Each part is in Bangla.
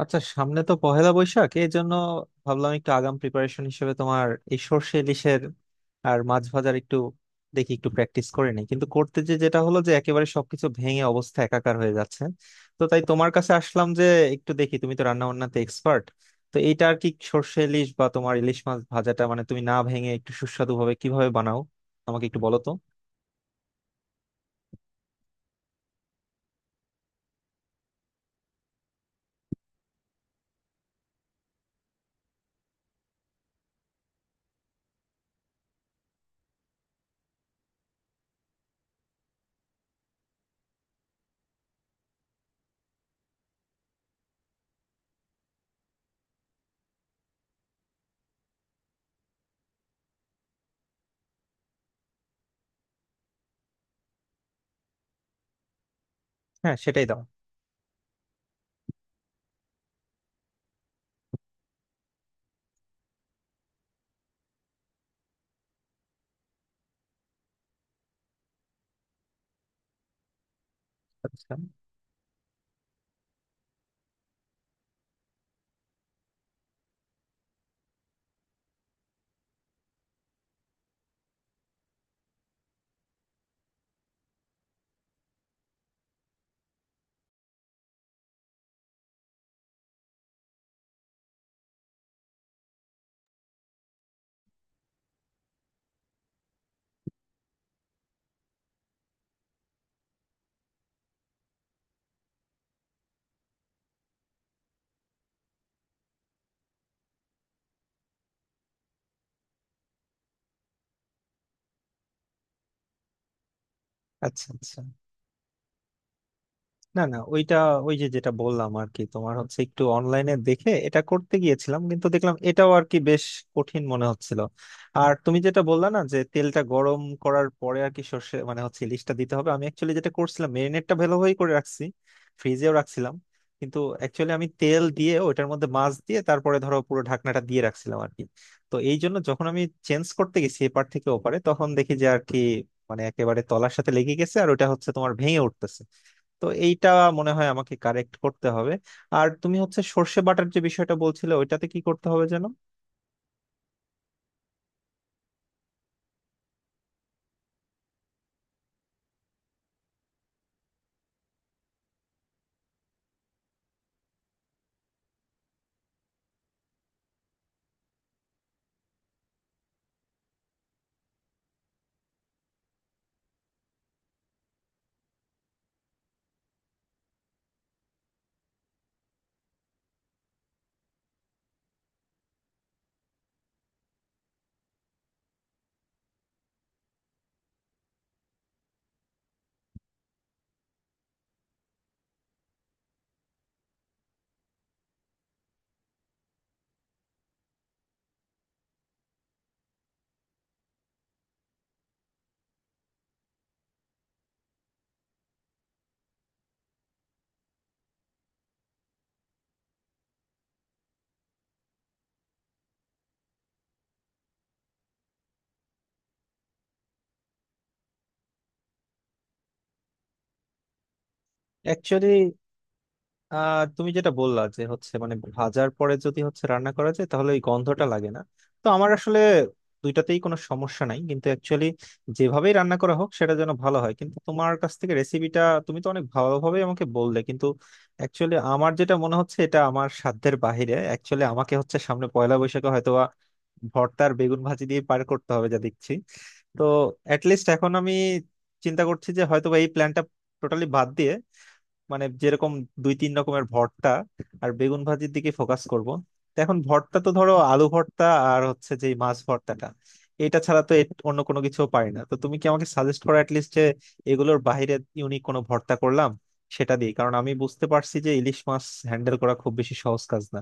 আচ্ছা, সামনে তো পহেলা বৈশাখ, এই জন্য ভাবলাম একটু আগাম প্রিপারেশন হিসেবে তোমার এই সর্ষে ইলিশের আর মাছ ভাজার একটু দেখি, একটু প্র্যাকটিস করে নিই। কিন্তু করতে যেটা হলো যে একেবারে সবকিছু ভেঙে অবস্থা একাকার হয়ে যাচ্ছে। তো তাই তোমার কাছে আসলাম যে একটু দেখি, তুমি তো রান্না বান্নাতে এক্সপার্ট। তো এইটা আর কি, সর্ষে ইলিশ বা তোমার ইলিশ মাছ ভাজাটা মানে তুমি না ভেঙে একটু সুস্বাদু ভাবে কিভাবে বানাও আমাকে একটু বলো তো। হ্যাঁ, সেটাই দাও। আচ্ছা, আচ্ছা, আচ্ছা। না, না, ওইটা, ওই যে যেটা বললাম আর কি, তোমার হচ্ছে একটু অনলাইনে দেখে এটা করতে গিয়েছিলাম, কিন্তু দেখলাম এটাও আর কি বেশ কঠিন মনে হচ্ছিল। আর তুমি যেটা বললা না যে তেলটা গরম করার পরে আর কি সর্ষে মানে হচ্ছে ইলিশটা দিতে হবে, আমি অ্যাকচুয়ালি যেটা করছিলাম, মেরিনেটটা ভালোভাবেই করে রাখছি, ফ্রিজেও রাখছিলাম। কিন্তু অ্যাকচুয়ালি আমি তেল দিয়ে ওইটার মধ্যে মাছ দিয়ে তারপরে ধরো পুরো ঢাকনাটা দিয়ে রাখছিলাম আর কি। তো এই জন্য যখন আমি চেঞ্জ করতে গেছি এপার থেকে ওপারে, তখন দেখি যে আর কি মানে একেবারে তলার সাথে লেগে গেছে, আর ওটা হচ্ছে তোমার ভেঙে উঠতেছে। তো এইটা মনে হয় আমাকে কারেক্ট করতে হবে। আর তুমি হচ্ছে সর্ষে বাটার যে বিষয়টা বলছিলে ওইটাতে কি করতে হবে যেন? অ্যাকচুয়ালি তুমি যেটা বললা যে হচ্ছে মানে ভাজার পরে যদি হচ্ছে রান্না করা যায় তাহলে ওই গন্ধটা লাগে না। তো আমার আসলে দুইটাতেই কোনো সমস্যা নাই, কিন্তু অ্যাকচুয়ালি যেভাবেই রান্না করা হোক সেটা যেন ভালো হয়। কিন্তু তোমার কাছ থেকে রেসিপিটা তুমি তো অনেক ভালোভাবেই আমাকে বললে, কিন্তু অ্যাকচুয়ালি আমার যেটা মনে হচ্ছে এটা আমার সাধ্যের বাহিরে। অ্যাকচুয়ালি আমাকে হচ্ছে সামনে পয়লা বৈশাখে হয়তোবা ভর্তার বেগুন ভাজি দিয়ে পার করতে হবে যা দেখছি। তো অ্যাটলিস্ট এখন আমি চিন্তা করছি যে হয়তোবা এই প্ল্যানটা টোটালি বাদ দিয়ে মানে যেরকম দুই তিন রকমের ভর্তা আর বেগুন ভাজির দিকে ফোকাস করব। তো এখন ভর্তা তো ধরো আলু ভর্তা আর হচ্ছে যে এই মাছ ভর্তাটা, এটা ছাড়া তো এর অন্য কোনো কিছু পারি না। তো তুমি কি আমাকে সাজেস্ট করো অ্যাটলিস্ট যে এগুলোর বাইরে ইউনিক কোনো ভর্তা করলাম সেটা দিয়ে, কারণ আমি বুঝতে পারছি যে ইলিশ মাছ হ্যান্ডেল করা খুব বেশি সহজ কাজ না।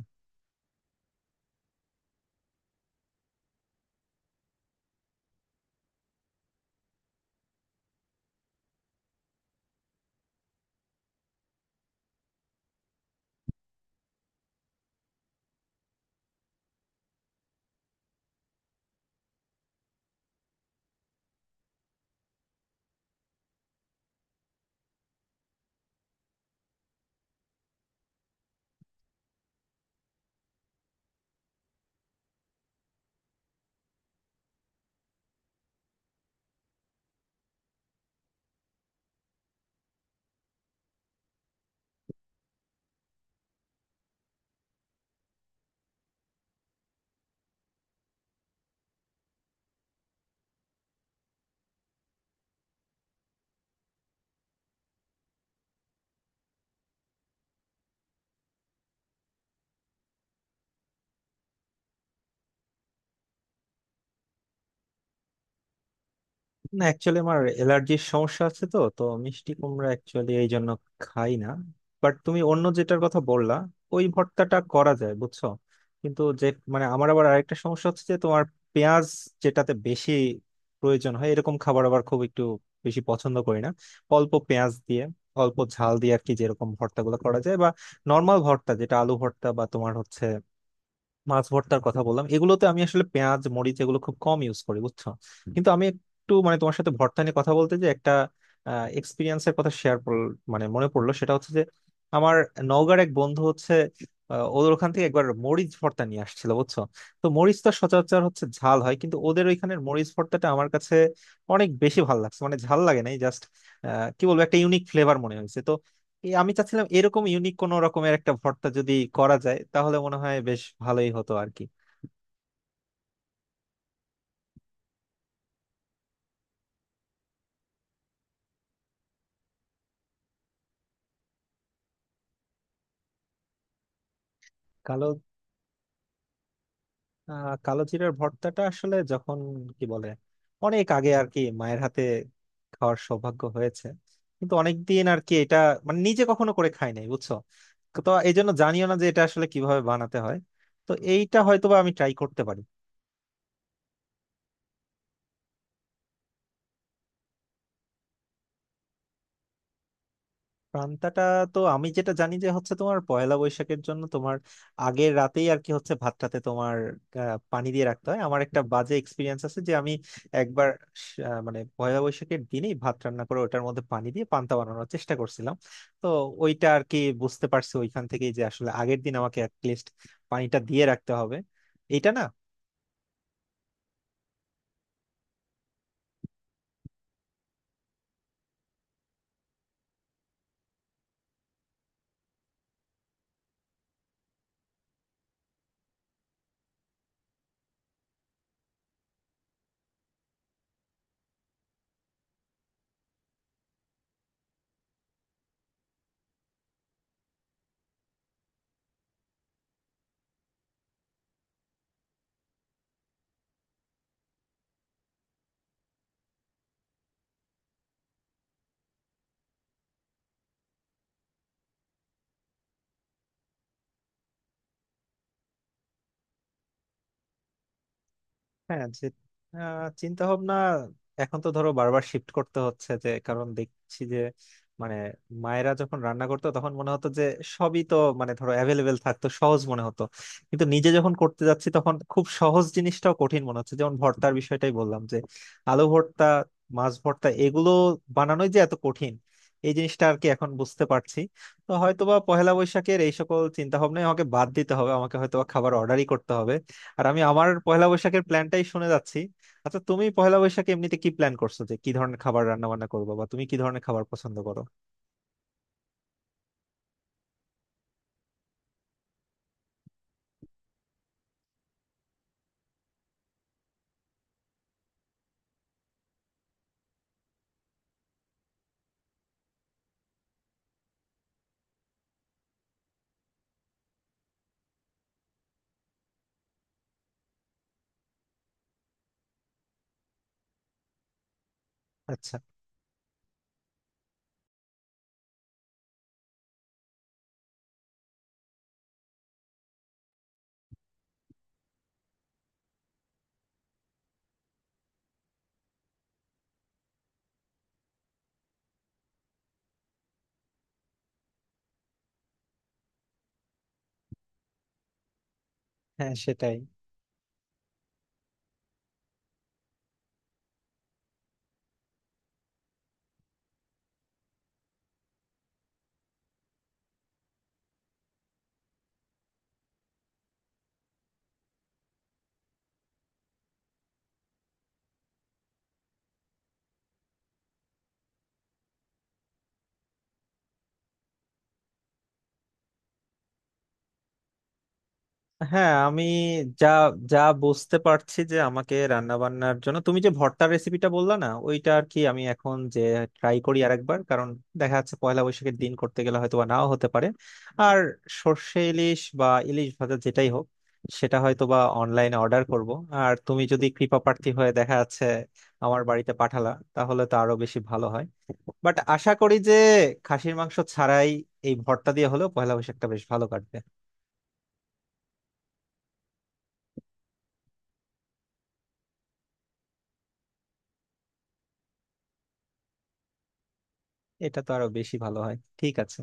না, অ্যাকচুয়ালি আমার অ্যালার্জির সমস্যা আছে, তো তো মিষ্টি কুমড়া অ্যাকচুয়ালি এই জন্য খাই না। বাট তুমি অন্য যেটার কথা বললা ওই ভর্তাটা করা যায় বুঝছো। কিন্তু যে মানে আমার আবার আরেকটা সমস্যা হচ্ছে যে তোমার পেঁয়াজ যেটাতে বেশি প্রয়োজন হয় এরকম খাবার আবার খুব একটু বেশি পছন্দ করি না। অল্প পেঁয়াজ দিয়ে, অল্প ঝাল দিয়ে আর কি যেরকম ভর্তাগুলো করা যায়, বা নর্মাল ভর্তা যেটা আলু ভর্তা বা তোমার হচ্ছে মাছ ভর্তার কথা বললাম, এগুলোতে আমি আসলে পেঁয়াজ মরিচ এগুলো খুব কম ইউজ করি বুঝছো। কিন্তু আমি একটু মানে তোমার সাথে ভর্তা নিয়ে কথা বলতে যে একটা এক্সপিরিয়েন্সের কথা শেয়ার মানে মনে পড়লো, সেটা হচ্ছে যে আমার নওগাঁর এক বন্ধু হচ্ছে, ওদের ওখান থেকে একবার মরিচ ভর্তা নিয়ে আসছিল বুঝছো। তো মরিচ তো সচরাচর হচ্ছে ঝাল হয়, কিন্তু ওদের ওইখানের মরিচ ভর্তাটা আমার কাছে অনেক বেশি ভালো লাগছে, মানে ঝাল লাগে নাই, জাস্ট কি বলবো একটা ইউনিক ফ্লেভার মনে হয়েছে। তো এই আমি চাচ্ছিলাম এরকম ইউনিক কোন রকমের একটা ভর্তা যদি করা যায় তাহলে মনে হয় বেশ ভালোই হতো আর কি। কালো, কালো জিরার ভর্তাটা আসলে যখন কি বলে অনেক আগে আর কি মায়ের হাতে খাওয়ার সৌভাগ্য হয়েছে, কিন্তু অনেকদিন আর কি এটা মানে নিজে কখনো করে খাই নাই বুঝছো। তো এই জন্য জানিও না যে এটা আসলে কিভাবে বানাতে হয়। তো এইটা হয়তোবা আমি ট্রাই করতে পারি। পান্তাটা? তো আমি যেটা জানি যে হচ্ছে তোমার পয়লা বৈশাখের জন্য তোমার আগের রাতেই আর কি হচ্ছে ভাতটাতে তোমার পানি দিয়ে রাখতে হয়। আমার একটা বাজে এক্সপিরিয়েন্স আছে যে আমি একবার মানে পয়লা বৈশাখের দিনেই ভাত রান্না করে ওটার মধ্যে পানি দিয়ে পান্তা বানানোর চেষ্টা করছিলাম। তো ওইটা আর কি বুঝতে পারছি ওইখান থেকেই যে আসলে আগের দিন আমাকে অ্যাটলিস্ট পানিটা দিয়ে রাখতে হবে, এটা না। হ্যাঁ। যে চিন্তা ভাবনা, এখন তো ধরো বারবার শিফট করতে হচ্ছে, যে কারণ দেখছি যে মানে মায়েরা যখন রান্না করতো তখন মনে হতো যে সবই তো মানে ধরো অ্যাভেলেবেল থাকতো, সহজ মনে হতো। কিন্তু নিজে যখন করতে যাচ্ছি তখন খুব সহজ জিনিসটাও কঠিন মনে হচ্ছে, যেমন ভর্তার বিষয়টাই বললাম যে আলু ভর্তা, মাছ ভর্তা এগুলো বানানোই যে এত কঠিন এই জিনিসটা আর কি এখন বুঝতে পারছি। তো হয়তোবা পহেলা বৈশাখের এই সকল চিন্তা ভাবনায় আমাকে বাদ দিতে হবে, আমাকে হয়তোবা খাবার অর্ডারই করতে হবে। আর আমি আমার পয়লা বৈশাখের প্ল্যানটাই শুনে যাচ্ছি। আচ্ছা, তুমি পয়লা বৈশাখে এমনিতে কি প্ল্যান করছো যে কি ধরনের খাবার রান্না বান্না করবো, বা তুমি কি ধরনের খাবার পছন্দ করো? আচ্ছা। হ্যাঁ, সেটাই। হ্যাঁ, আমি যা যা বুঝতে পারছি যে আমাকে রান্না বান্নার জন্য তুমি যে ভর্তার রেসিপিটা বললা না ওইটা আর কি আমি এখন যে ট্রাই করি আরেকবার, কারণ দেখা যাচ্ছে পয়লা বৈশাখের দিন করতে গেলে হয়তো বা নাও হতে পারে। আর সর্ষে ইলিশ বা ইলিশ ভাজা যেটাই হোক সেটা হয়তো বা অনলাইনে অর্ডার করব। আর তুমি যদি কৃপা প্রার্থী হয়ে দেখা যাচ্ছে আমার বাড়িতে পাঠালা তাহলে তো আরো বেশি ভালো হয়। বাট আশা করি যে খাসির মাংস ছাড়াই এই ভর্তা দিয়ে হলেও পয়লা বৈশাখটা বেশ ভালো কাটবে। এটা তো আরো বেশি ভালো হয়, ঠিক আছে।